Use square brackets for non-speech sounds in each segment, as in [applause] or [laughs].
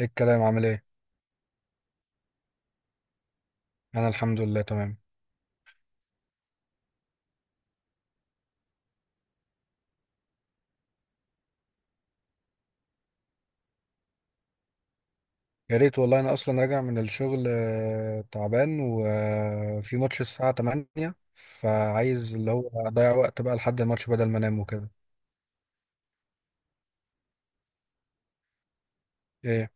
ايه الكلام؟ عامل ايه؟ انا الحمد لله تمام. يا ريت والله، انا اصلا راجع من الشغل، تعبان وفي ماتش الساعة 8، فعايز اللي هو اضيع وقت بقى لحد الماتش بدل ما انام وكده. ايه؟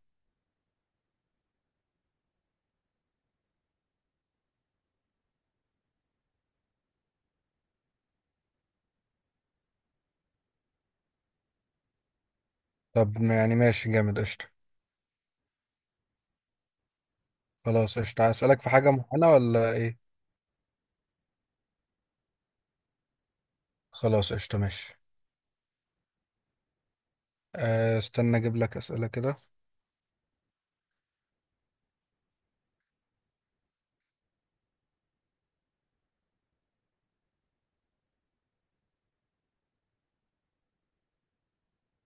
طب ما- يعني ماشي جامد، قشطة. خلاص قشطة، اسالك في حاجة معينة ولا ايه؟ خلاص قشطة ماشي. استنى اجيب لك اسئلة كده.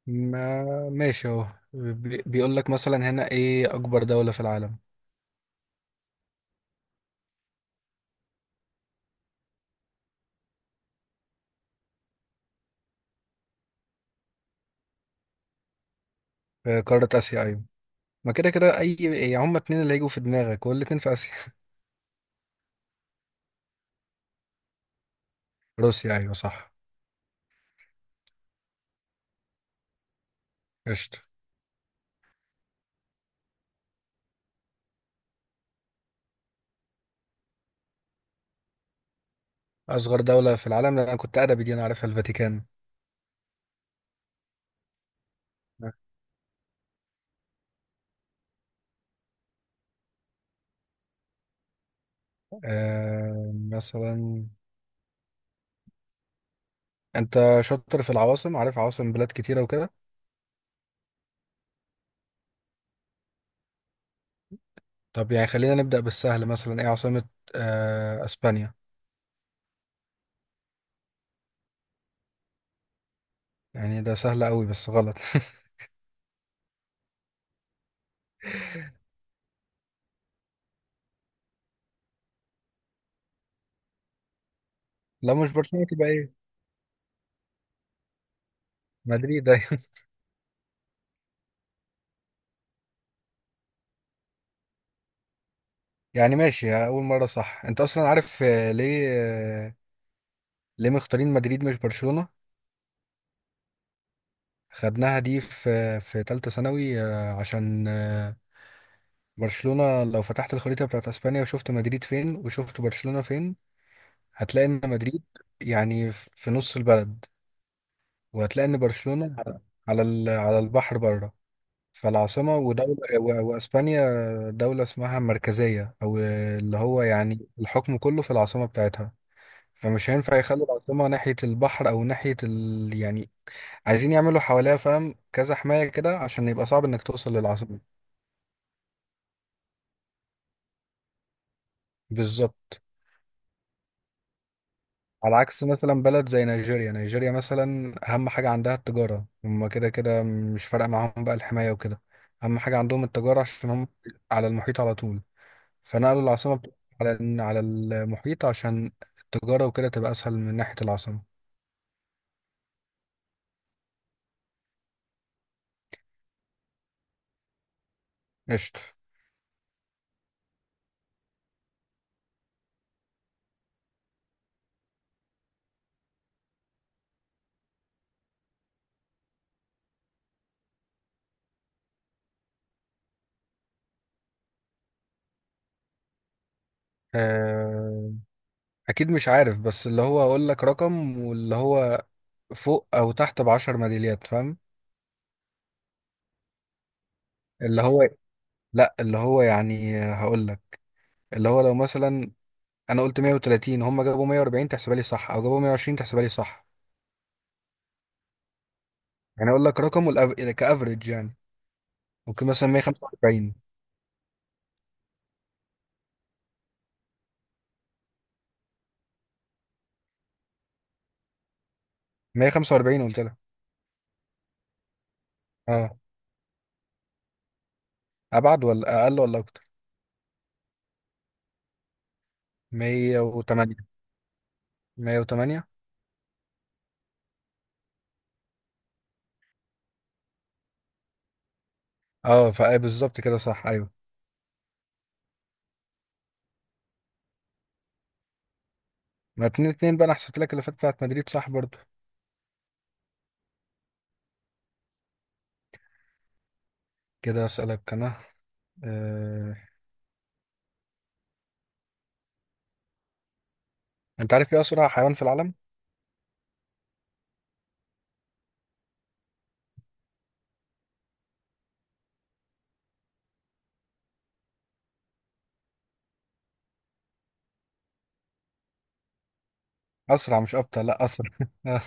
ما ماشي اهو. بيقول لك مثلا هنا ايه اكبر دولة في العالم؟ في قارة اسيا، ايوه. ما كده كده اي، يعني هما اتنين اللي هيجوا في دماغك والاتنين في اسيا. روسيا، ايوه صح. قشطة. اصغر دولة في العالم، لأن انا كنت ادبي دي انا عارفها، الفاتيكان. [laughs] مثلا انت شاطر في العواصم، عارف عواصم بلاد كتيرة وكده. طب يعني خلينا نبدأ بالسهل، مثلا ايه عاصمة اسبانيا؟ يعني ده سهل قوي، بس غلط. [laughs] لو مش برشلونة تبقى ايه؟ مدريد أيوة. [laughs] يعني ماشي، اول مرة صح، انت اصلا عارف ليه ليه مختارين مدريد مش برشلونة. خدناها دي في تالتة ثانوي، عشان برشلونة، لو فتحت الخريطة بتاعت اسبانيا وشفت مدريد فين وشفت برشلونة فين، هتلاقي ان مدريد يعني في نص البلد، وهتلاقي ان برشلونة على على البحر بره. فالعاصمة ودولة واسبانيا دولة اسمها مركزية، او اللي هو يعني الحكم كله في العاصمة بتاعتها. فمش هينفع يخلوا العاصمة ناحية البحر او ناحية يعني عايزين يعملوا حواليها، فاهم، كذا حماية كده عشان يبقى صعب انك توصل للعاصمة. بالظبط. على عكس مثلا بلد زي نيجيريا مثلا، اهم حاجة عندها التجارة، هم كده كده مش فارقة معاهم بقى الحماية وكده. اهم حاجة عندهم التجارة عشان هم على المحيط على طول. فنقلوا العاصمة على المحيط عشان التجارة وكده تبقى اسهل من ناحية العاصمة. قشطة. آه، اكيد مش عارف، بس اللي هو اقول لك رقم، واللي هو فوق او تحت بعشر ميداليات فاهم. اللي هو لا، اللي هو يعني هقول لك، اللي هو لو مثلا انا قلت 130، هم جابوا 140 تحسبها لي صح، او جابوا 120 تحسبها لي صح. يعني اقول لك رقم كافريج يعني. ممكن مثلا 145. 145 قلت لها، اه. ابعد ولا اقل ولا اكتر؟ 108. 108. اه فاي بالظبط كده صح ايوه. ما 2-2 بقى، انا حسبت لك اللي فات بتاعت مدريد صح برضو. كده اسالك انا. آه... انت عارف ايه اسرع حيوان في العالم؟ اسرع مش ابطأ، لا اسرع. [laughs] آه...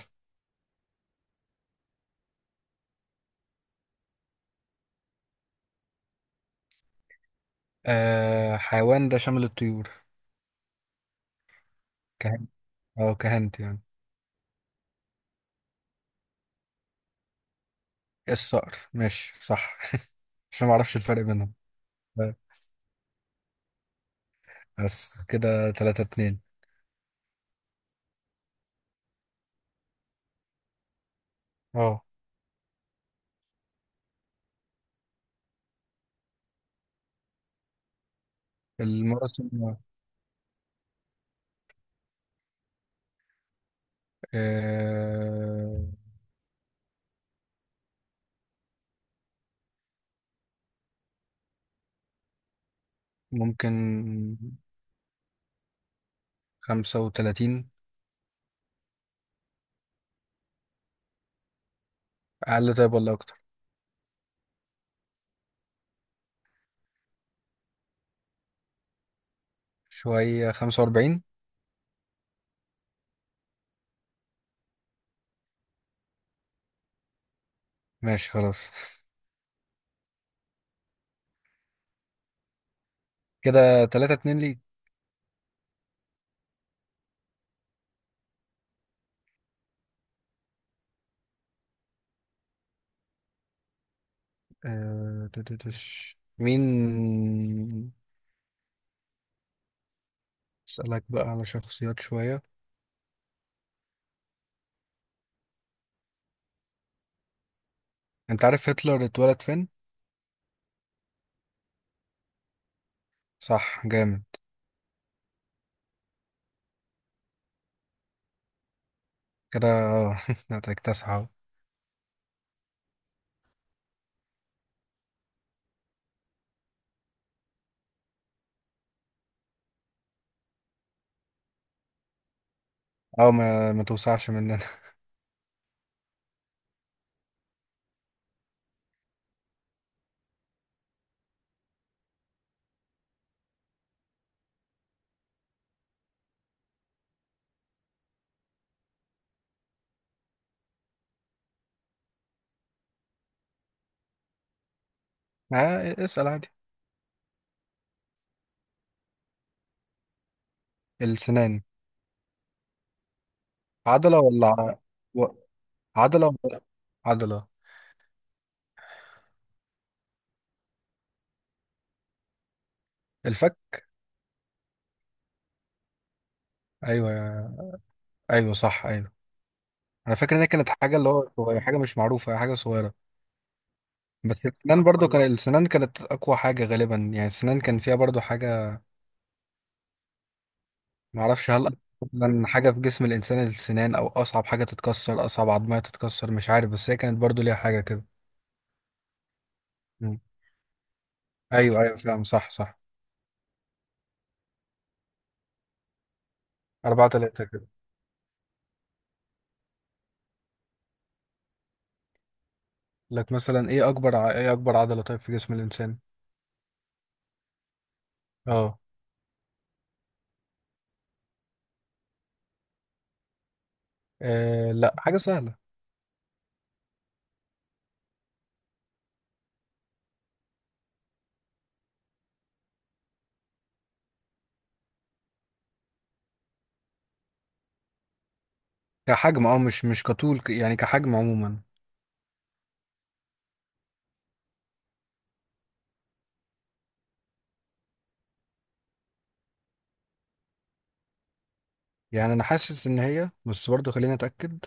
حيوان ده شامل الطيور؟ كهنت. اه كهنت يعني. الصقر ماشي صح. [laughs] عشان ما اعرفش الفرق بينهم. بس كده 3-2. اه المواسم. آه ممكن 35. اقل طيب ولا اكتر؟ شوية، 45. ماشي خلاص. كده 3-2 ليك. آه تتتش. مين اسألك بقى على شخصيات شوية. انت عارف هتلر اتولد فين؟ صح جامد. كده اه. [laughs] هتكتسح اهو. اه ما توسعش مننا. [laughs] اسأل عادي. السنان. عضلة ولا و- عضلة ولا عضلة؟ الفك. أيوة. أيوة صح أيوة. أنا فاكر إن هي كانت حاجة، اللي هو حاجة مش معروفة، حاجة صغيرة. بس السنان برضو، كان السنان كانت أقوى حاجة غالبا، يعني السنان كان فيها برضو حاجة. معرفش هل أصلا حاجة في جسم الإنسان السنان أو أصعب حاجة تتكسر، أصعب عظمية تتكسر، مش عارف بس هي كانت برضو ليها حاجة كده. مم. أيوة أيوة فاهم صح صح. 4-3 كده. لك مثلا إيه أكبر إيه أكبر عضلة طيب في جسم الإنسان؟ أه. لا حاجة سهلة. كحجم اه، مش كطول يعني كحجم عموما. يعني انا حاسس ان هي، بس برضه خليني اتاكد.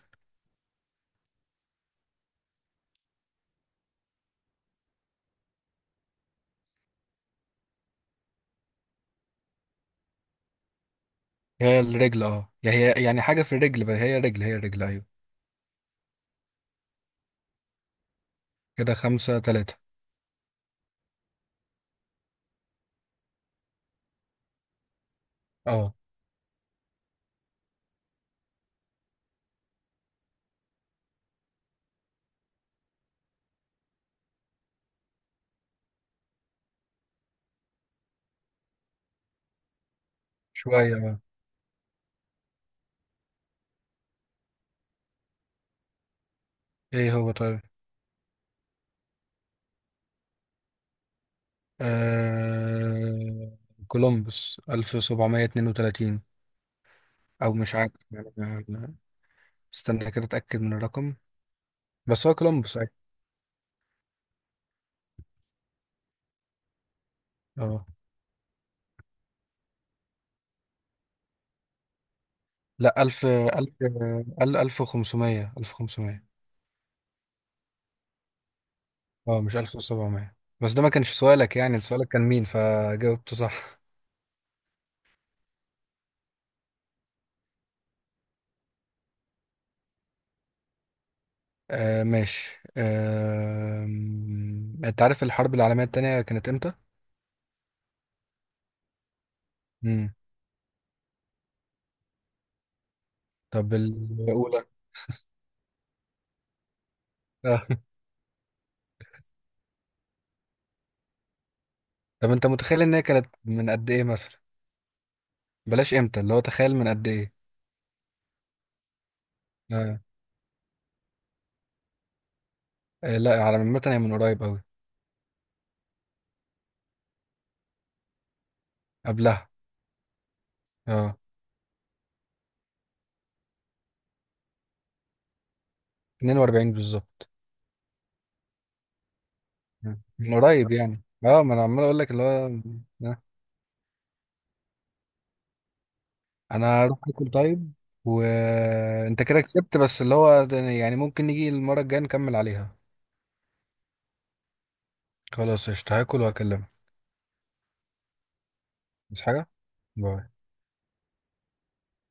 هي الرجل، اه يعني هي يعني حاجه في الرجل بقى، هي رجل هي رجل ايوه. كده 5-3. اه. شويه اه. ايه هو طيب؟ آه... كولومبوس 1732. او مش عارف يعني. أنا- استنى كده اتاكد من الرقم. بس هو كولومبوس أيوة. اه لا ألف 1500 اه مش 1700، بس ده ما كانش سؤالك، يعني سؤالك كان مين، فجاوبته صح. ماشي انت عارف الحرب العالمية التانية كانت امتى؟ مم. طب الأولى. آه. [laughs] طب انت متخيل ان هي كانت من قد ايه مثلا؟ بلاش امتى، اللي هو تخيل من قد ايه؟ آه. آه لا، على عامة هي من قريب قوي. قبلها. اه. 42 بالظبط. مم. من قريب يعني اه، ما انا عمال اقول لك اللي هو آه. انا هروح اكل طيب، وانت كده كسبت، بس اللي هو يعني ممكن نيجي المرة الجاية نكمل عليها. خلاص قشطة، هاكل وهكلمك. بس حاجة. باي.